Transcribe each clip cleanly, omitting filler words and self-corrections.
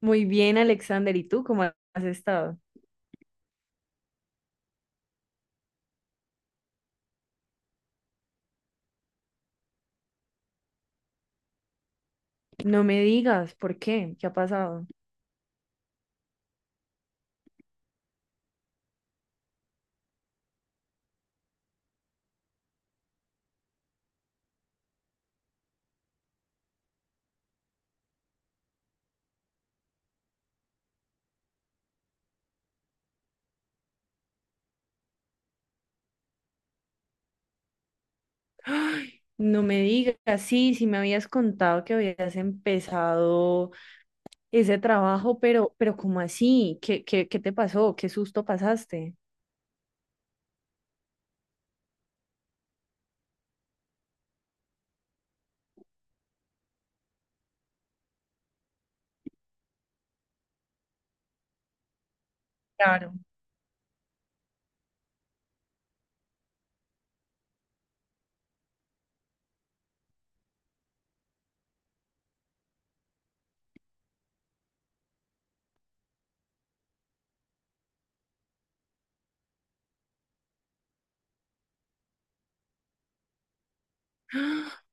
Muy bien, Alexander. ¿Y tú cómo has estado? No me digas, ¿por qué? ¿Qué ha pasado? No me digas, sí, sí me habías contado que habías empezado ese trabajo, ¿pero ¿cómo así? ¿¿Qué te pasó? ¿Qué susto pasaste? Claro.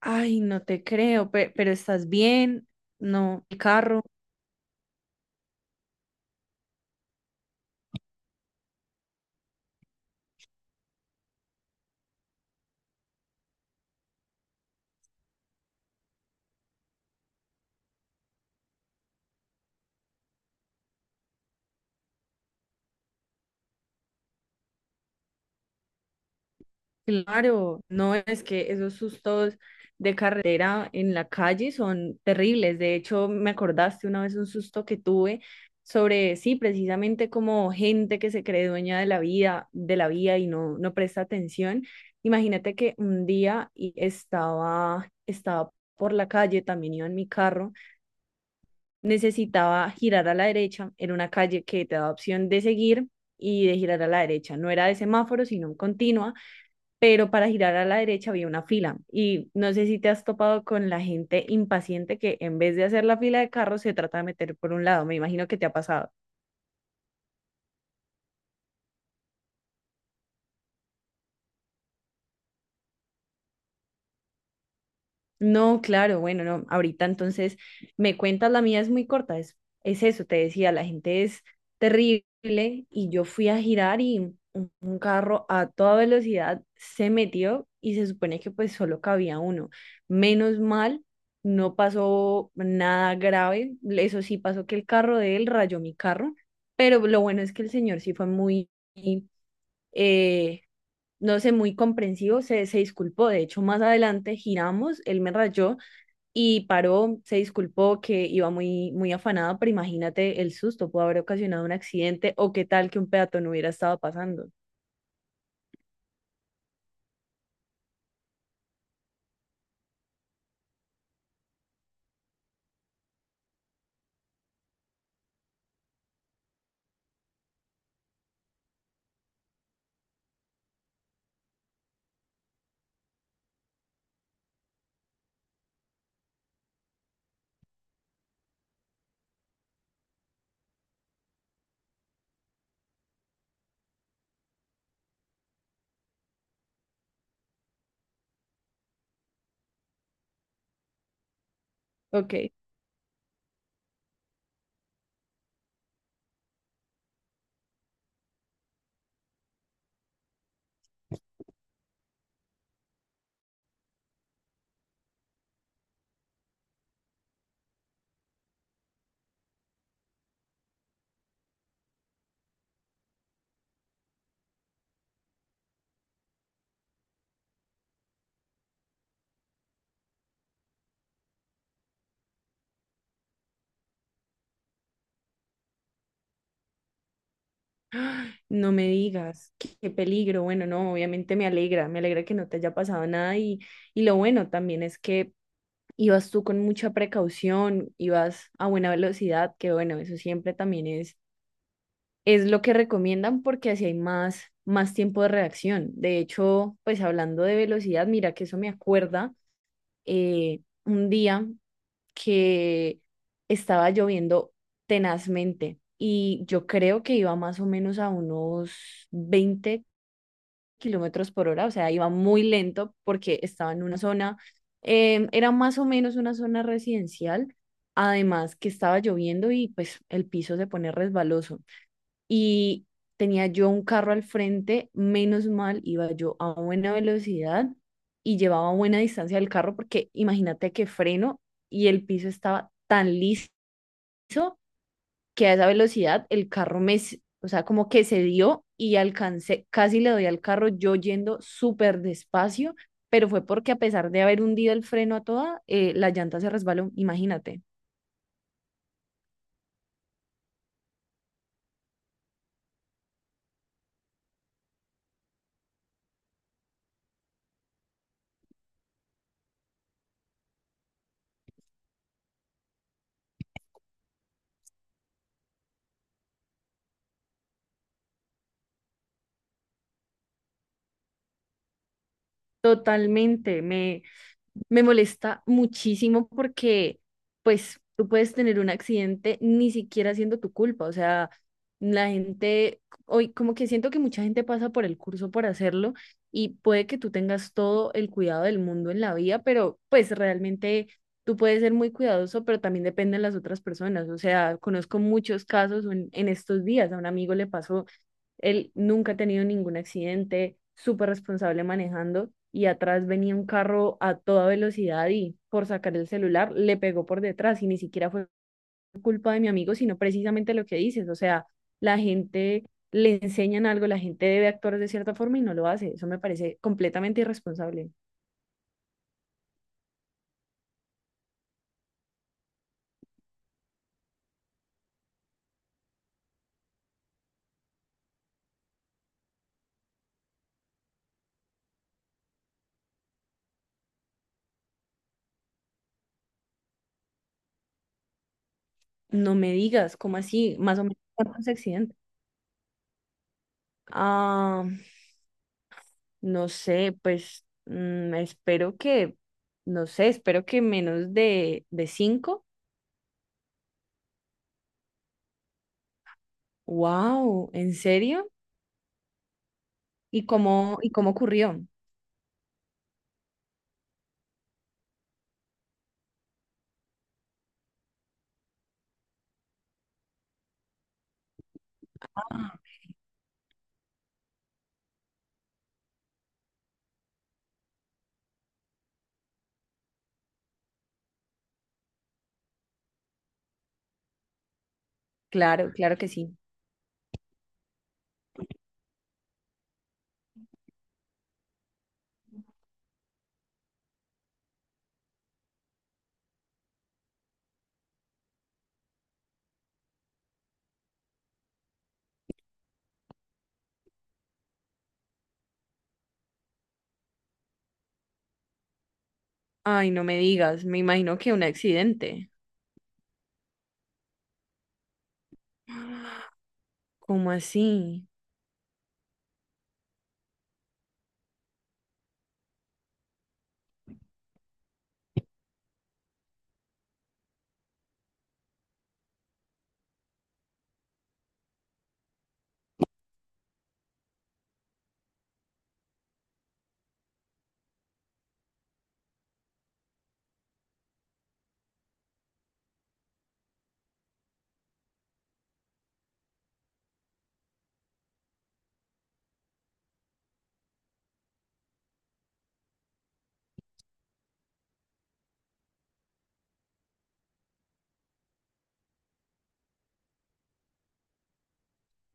Ay, no te creo, pero estás bien, no, el carro. Claro, no es que esos sustos de carretera en la calle son terribles. De hecho, me acordaste una vez un susto que tuve sobre, sí, precisamente como gente que se cree dueña de la vida, de la vía y no, no presta atención. Imagínate que un día y estaba por la calle, también iba en mi carro, necesitaba girar a la derecha, era una calle que te da opción de seguir y de girar a la derecha. No era de semáforo, sino en continua, pero para girar a la derecha había una fila y no sé si te has topado con la gente impaciente que, en vez de hacer la fila de carros, se trata de meter por un lado. Me imagino que te ha pasado. No, claro, bueno, no, ahorita entonces me cuentas. La mía es muy corta, es eso, te decía, la gente es terrible. Y yo fui a girar y un carro a toda velocidad se metió, y se supone que pues solo cabía uno. Menos mal, no pasó nada grave. Eso sí, pasó que el carro de él rayó mi carro, pero lo bueno es que el señor sí fue muy... eh, no sé, muy comprensivo, se disculpó. De hecho, más adelante giramos, él me rayó y paró, se disculpó que iba muy, muy afanada, pero imagínate el susto. Pudo haber ocasionado un accidente, o qué tal que un peatón no hubiera estado pasando. Ok, no me digas, qué, qué peligro. Bueno, no, obviamente me alegra que no te haya pasado nada. Y y lo bueno también es que ibas tú con mucha precaución, ibas a buena velocidad, que bueno, eso siempre también es lo que recomiendan, porque así hay más tiempo de reacción. De hecho, pues hablando de velocidad, mira que eso me acuerda un día que estaba lloviendo tenazmente, y yo creo que iba más o menos a unos 20 km/h. O sea, iba muy lento porque estaba en una zona, era más o menos una zona residencial, además que estaba lloviendo y pues el piso se pone resbaloso. Y tenía yo un carro al frente, menos mal, iba yo a buena velocidad y llevaba buena distancia del carro, porque imagínate que freno y el piso estaba tan liso que a esa velocidad el carro me, o sea, como que se dio y alcancé, casi le doy al carro yo yendo súper despacio, pero fue porque, a pesar de haber hundido el freno a toda, la llanta se resbaló. Imagínate. Totalmente, me molesta muchísimo porque, pues, tú puedes tener un accidente ni siquiera siendo tu culpa. O sea, la gente, hoy como que siento que mucha gente pasa por el curso por hacerlo, y puede que tú tengas todo el cuidado del mundo en la vía, pero pues realmente tú puedes ser muy cuidadoso, pero también depende de las otras personas. O sea, conozco muchos casos en, estos días. A un amigo le pasó, él nunca ha tenido ningún accidente, súper responsable manejando, y atrás venía un carro a toda velocidad y, por sacar el celular, le pegó por detrás. Y ni siquiera fue culpa de mi amigo, sino precisamente lo que dices. O sea, la gente, le enseñan algo, la gente debe actuar de cierta forma y no lo hace. Eso me parece completamente irresponsable. No me digas, ¿cómo así? Más o menos, ¿cuántos accidentes? Ah, no sé, pues espero que, no sé, espero que menos de cinco. Wow, ¿en serio? Y cómo ocurrió? Ah. Claro, claro que sí. Ay, no me digas, me imagino que un accidente. ¿Cómo así?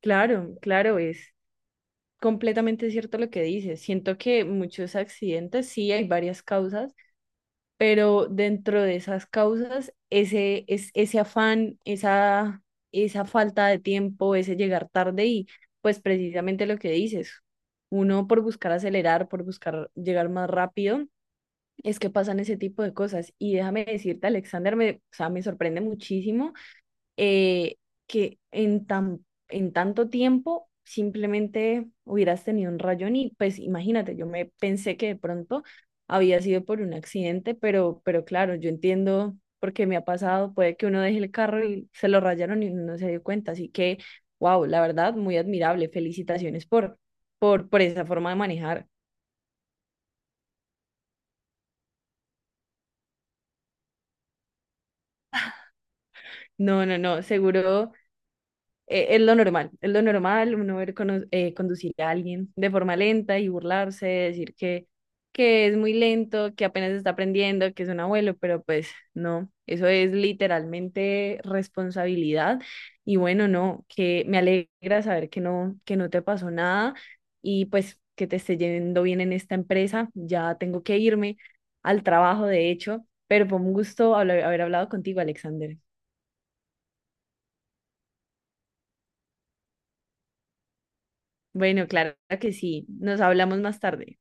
Claro, claro, es completamente cierto lo que dices. Siento que muchos accidentes, sí, hay varias causas, pero dentro de esas causas, ese, es, ese afán, esa falta de tiempo, ese llegar tarde. Y pues, precisamente lo que dices, uno por buscar acelerar, por buscar llegar más rápido, es que pasan ese tipo de cosas. Y déjame decirte, Alexander, me, o sea, me sorprende muchísimo eh, que en tanto tiempo simplemente hubieras tenido un rayón. Y pues imagínate, yo me pensé que de pronto había sido por un accidente, pero, claro, yo entiendo porque me ha pasado, puede que uno deje el carro y se lo rayaron y uno no se dio cuenta. Así que, wow, la verdad, muy admirable, felicitaciones por, esa forma de manejar. No, no, no, seguro. Es lo normal, es lo normal uno ver conducir a alguien de forma lenta y burlarse, decir que, es muy lento, que apenas está aprendiendo, que es un abuelo, pero pues no, eso es literalmente responsabilidad. Y bueno, no, que me alegra saber que no te pasó nada, y pues que te esté yendo bien en esta empresa. Ya tengo que irme al trabajo, de hecho, pero fue un gusto haber hablado contigo, Alexander. Bueno, claro que sí. Nos hablamos más tarde.